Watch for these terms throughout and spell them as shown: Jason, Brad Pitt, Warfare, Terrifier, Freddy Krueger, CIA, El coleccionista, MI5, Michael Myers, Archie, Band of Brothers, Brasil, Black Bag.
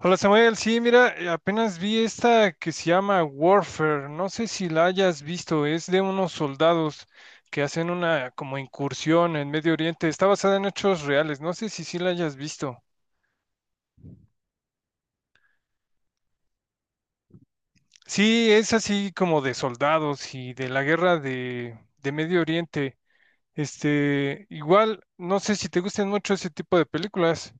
Hola Samuel, sí, mira, apenas vi esta que se llama Warfare, no sé si la hayas visto, es de unos soldados que hacen una como incursión en Medio Oriente, está basada en hechos reales, no sé si sí la hayas visto. Sí, es así como de soldados y de la guerra de Medio Oriente. Este, igual, no sé si te gustan mucho ese tipo de películas.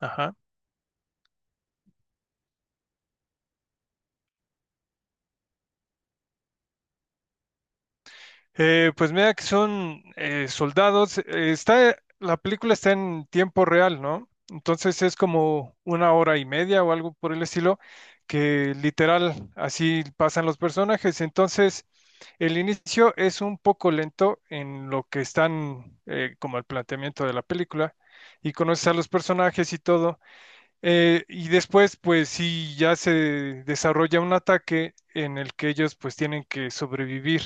Ajá. Pues mira que son soldados. La película está en tiempo real, ¿no? Entonces es como una hora y media o algo por el estilo, que literal así pasan los personajes. Entonces el inicio es un poco lento en lo que están como el planteamiento de la película y conoces a los personajes y todo. Y después, pues sí, ya se desarrolla un ataque en el que ellos pues tienen que sobrevivir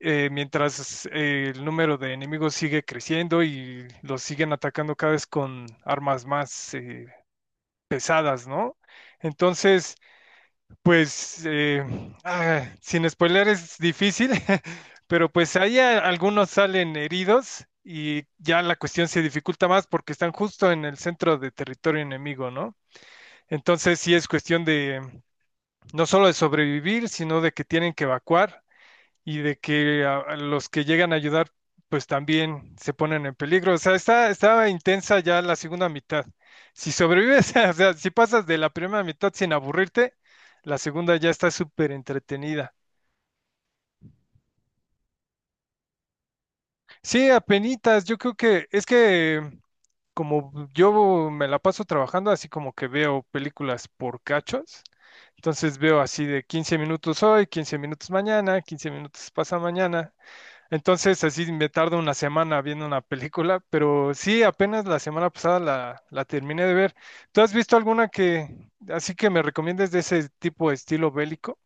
mientras el número de enemigos sigue creciendo y los siguen atacando cada vez con armas más pesadas, ¿no? Entonces, pues, sin spoiler es difícil, pero pues ahí algunos salen heridos y ya la cuestión se dificulta más porque están justo en el centro de territorio enemigo, ¿no? Entonces sí es cuestión de no solo de sobrevivir, sino de que tienen que evacuar y de que a los que llegan a ayudar, pues también se ponen en peligro. O sea, estaba intensa ya la segunda mitad. Si sobrevives, o sea, si pasas de la primera mitad sin aburrirte, la segunda ya está súper entretenida. Sí, apenitas, yo creo que es que como yo me la paso trabajando, así como que veo películas por cachos. Entonces veo así de 15 minutos hoy, 15 minutos mañana, 15 minutos pasa mañana. Entonces, así me tardo una semana viendo una película, pero sí, apenas la semana pasada la terminé de ver. ¿Tú has visto alguna que, así que me recomiendes de ese tipo de estilo bélico?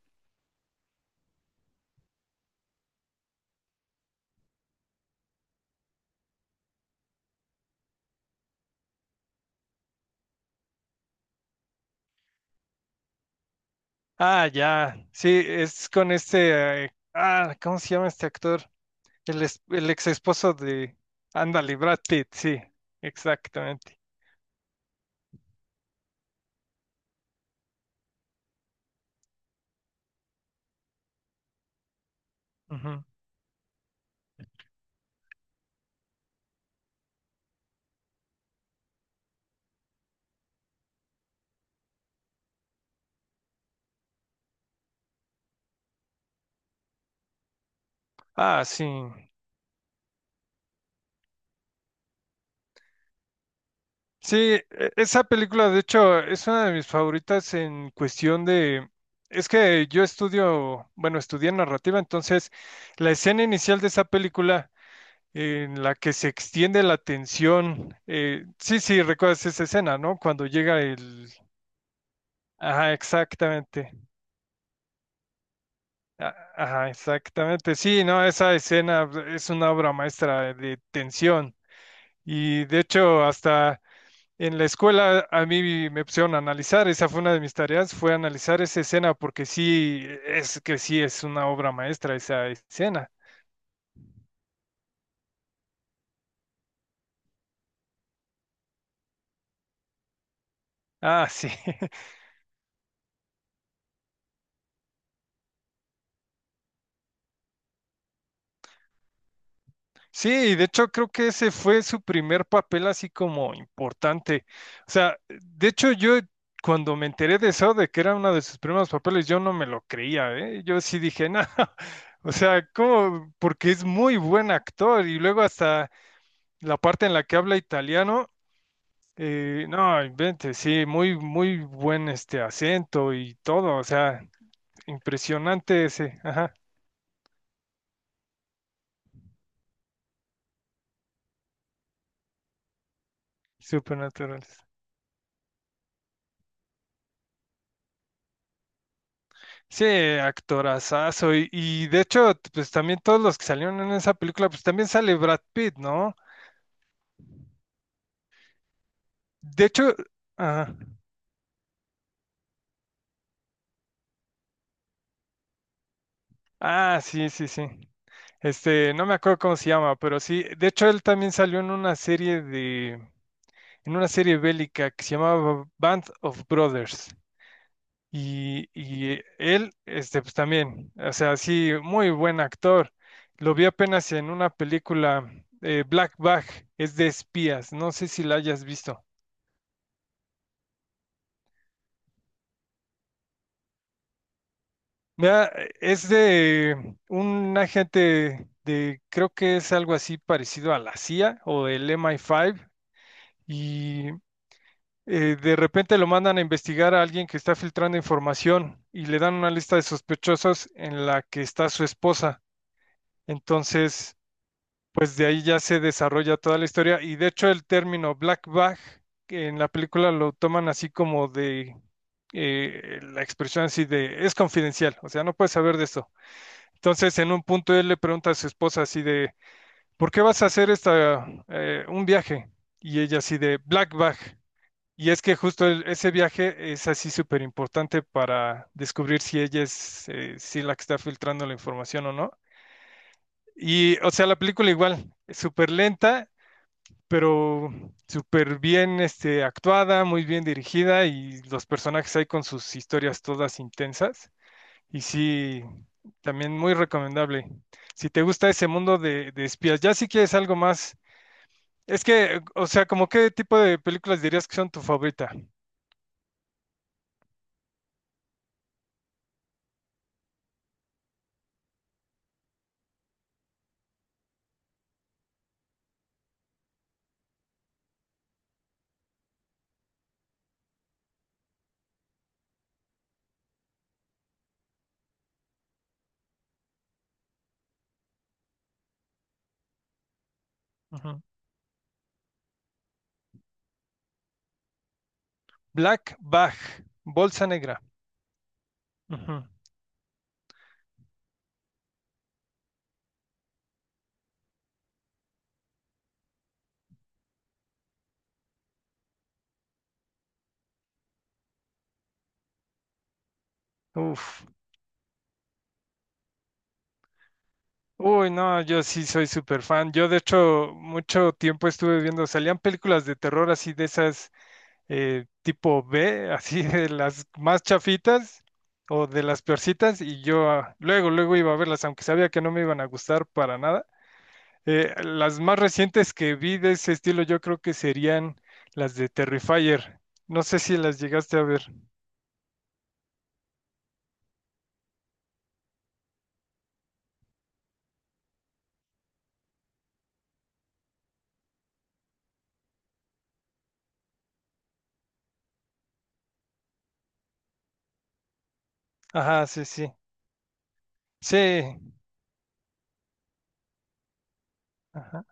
Ah, ya, sí, es con este, ¿cómo se llama este actor? El ex esposo de, ándale, Brad Pitt, sí, exactamente. Ujú. Ah, sí. Sí, esa película de hecho es una de mis favoritas en cuestión de... Es que yo estudio, bueno, estudié narrativa, entonces la escena inicial de esa película en la que se extiende la tensión, sí, sí, recuerdas esa escena, ¿no? Cuando llega el... Ajá, exactamente. Ajá, exactamente. Sí, no, esa escena es una obra maestra de tensión y de hecho hasta... En la escuela a mí me pusieron a analizar, esa fue una de mis tareas, fue analizar esa escena porque sí, es que sí es una obra maestra esa escena. Ah, sí. Sí, de hecho creo que ese fue su primer papel así como importante. O sea, de hecho yo cuando me enteré de eso, de que era uno de sus primeros papeles, yo no me lo creía, ¿eh? Yo sí dije, no, o sea, ¿cómo? Porque es muy buen actor y luego hasta la parte en la que habla italiano. No, invente, sí, muy, muy buen este acento y todo, o sea, impresionante ese, ajá, supernaturales. Sí, actorazazo, y de hecho, pues también todos los que salieron en esa película, pues también sale Brad Pitt, ¿no? De hecho, ajá, ah, sí, sí, sí. Este, no me acuerdo cómo se llama, pero sí, de hecho él también salió en una serie de, en una serie bélica que se llamaba Band of Brothers. Y él, este, pues también, o sea, sí, muy buen actor. Lo vi apenas en una película, Black Bag, es de espías, no sé si la hayas visto. Mira, es de un agente de, creo que es algo así parecido a la CIA o el MI5, y de repente lo mandan a investigar a alguien que está filtrando información y le dan una lista de sospechosos en la que está su esposa. Entonces pues de ahí ya se desarrolla toda la historia y de hecho el término black bag que en la película lo toman así como de la expresión así de es confidencial, o sea, no puedes saber de esto. Entonces en un punto él le pregunta a su esposa así de ¿por qué vas a hacer esta un viaje? Y ella así de black bag. Y es que justo ese viaje es así súper importante para descubrir si ella es si la que está filtrando la información o no. Y, o sea, la película igual, es súper lenta, pero súper bien este, actuada, muy bien dirigida y los personajes ahí con sus historias todas intensas. Y sí, también muy recomendable. Si te gusta ese mundo de espías, ya si quieres algo más. Es que, o sea, ¿como qué tipo de películas dirías que son tu favorita? Ujú, Black Bag, Bolsa Negra. Ujú. Uf. Uy, no, yo sí soy súper fan. Yo, de hecho, mucho tiempo estuve viendo, salían películas de terror así de esas tipo B, así de las más chafitas o de las peorcitas, y yo luego, luego iba a verlas, aunque sabía que no me iban a gustar para nada. Las más recientes que vi de ese estilo, yo creo que serían las de Terrifier. No sé si las llegaste a ver. Ajá, sí, sí. Sí, ajá.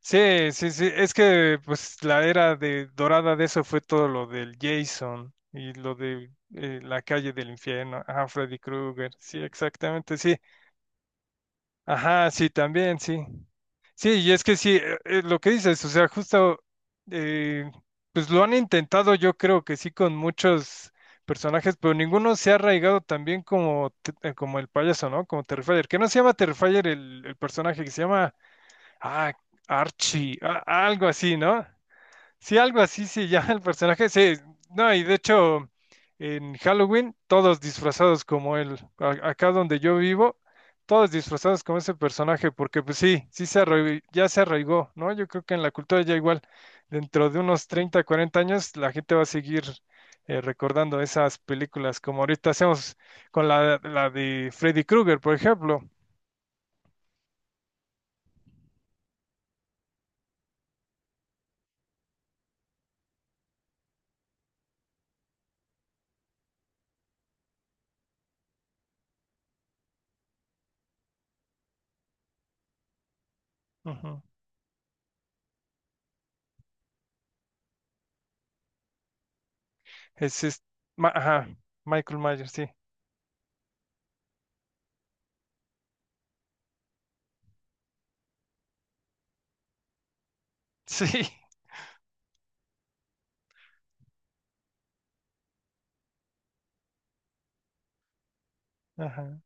Sí, sí, sí. Es que pues la era de dorada de eso fue todo lo del Jason y lo de la calle del infierno. Ajá, Freddy Krueger. Sí, exactamente, sí. Ajá, sí, también, sí. Sí, y es que sí, lo que dices, o sea, justo, eh, pues lo han intentado yo creo que sí con muchos personajes, pero ninguno se ha arraigado tan bien como, como el payaso, ¿no? Como Terrifier, que no se llama Terrifier el personaje, que se llama, ah, Archie, algo así, ¿no? Sí, algo así se llama el personaje. Sí, no, y de hecho, en Halloween, todos disfrazados como él. Acá donde yo vivo, todos disfrazados como ese personaje, porque pues sí, ya se arraigó, ¿no? Yo creo que en la cultura ya igual, dentro de unos 30, 40 años, la gente va a seguir recordando esas películas, como ahorita hacemos con la de Freddy Krueger, por ejemplo. Ujú. Ese es, ajá, Michael Myers, sí. Sí, ajá.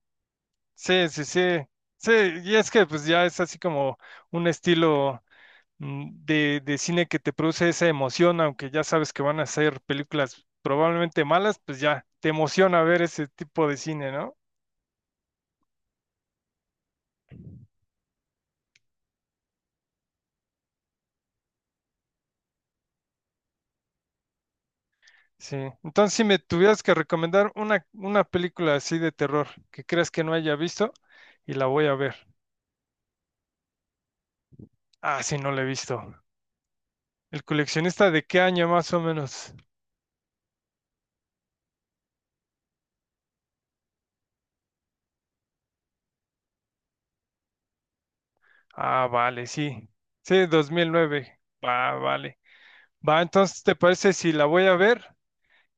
Sí, sí, sí. Sí, y es que pues ya es así como un estilo de cine que te produce esa emoción, aunque ya sabes que van a ser películas probablemente malas, pues ya te emociona ver ese tipo de cine, ¿no? Sí. Entonces, si me tuvieras que recomendar una, película así de terror que creas que no haya visto y la voy a ver. Ah, sí, no la he visto. ¿El coleccionista de qué año más o menos? Ah, vale, sí. Sí, 2009. Va, vale. Va, entonces, ¿te parece si la voy a ver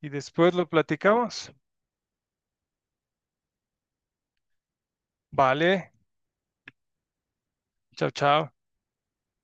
y después lo platicamos? Vale. Chao, chao.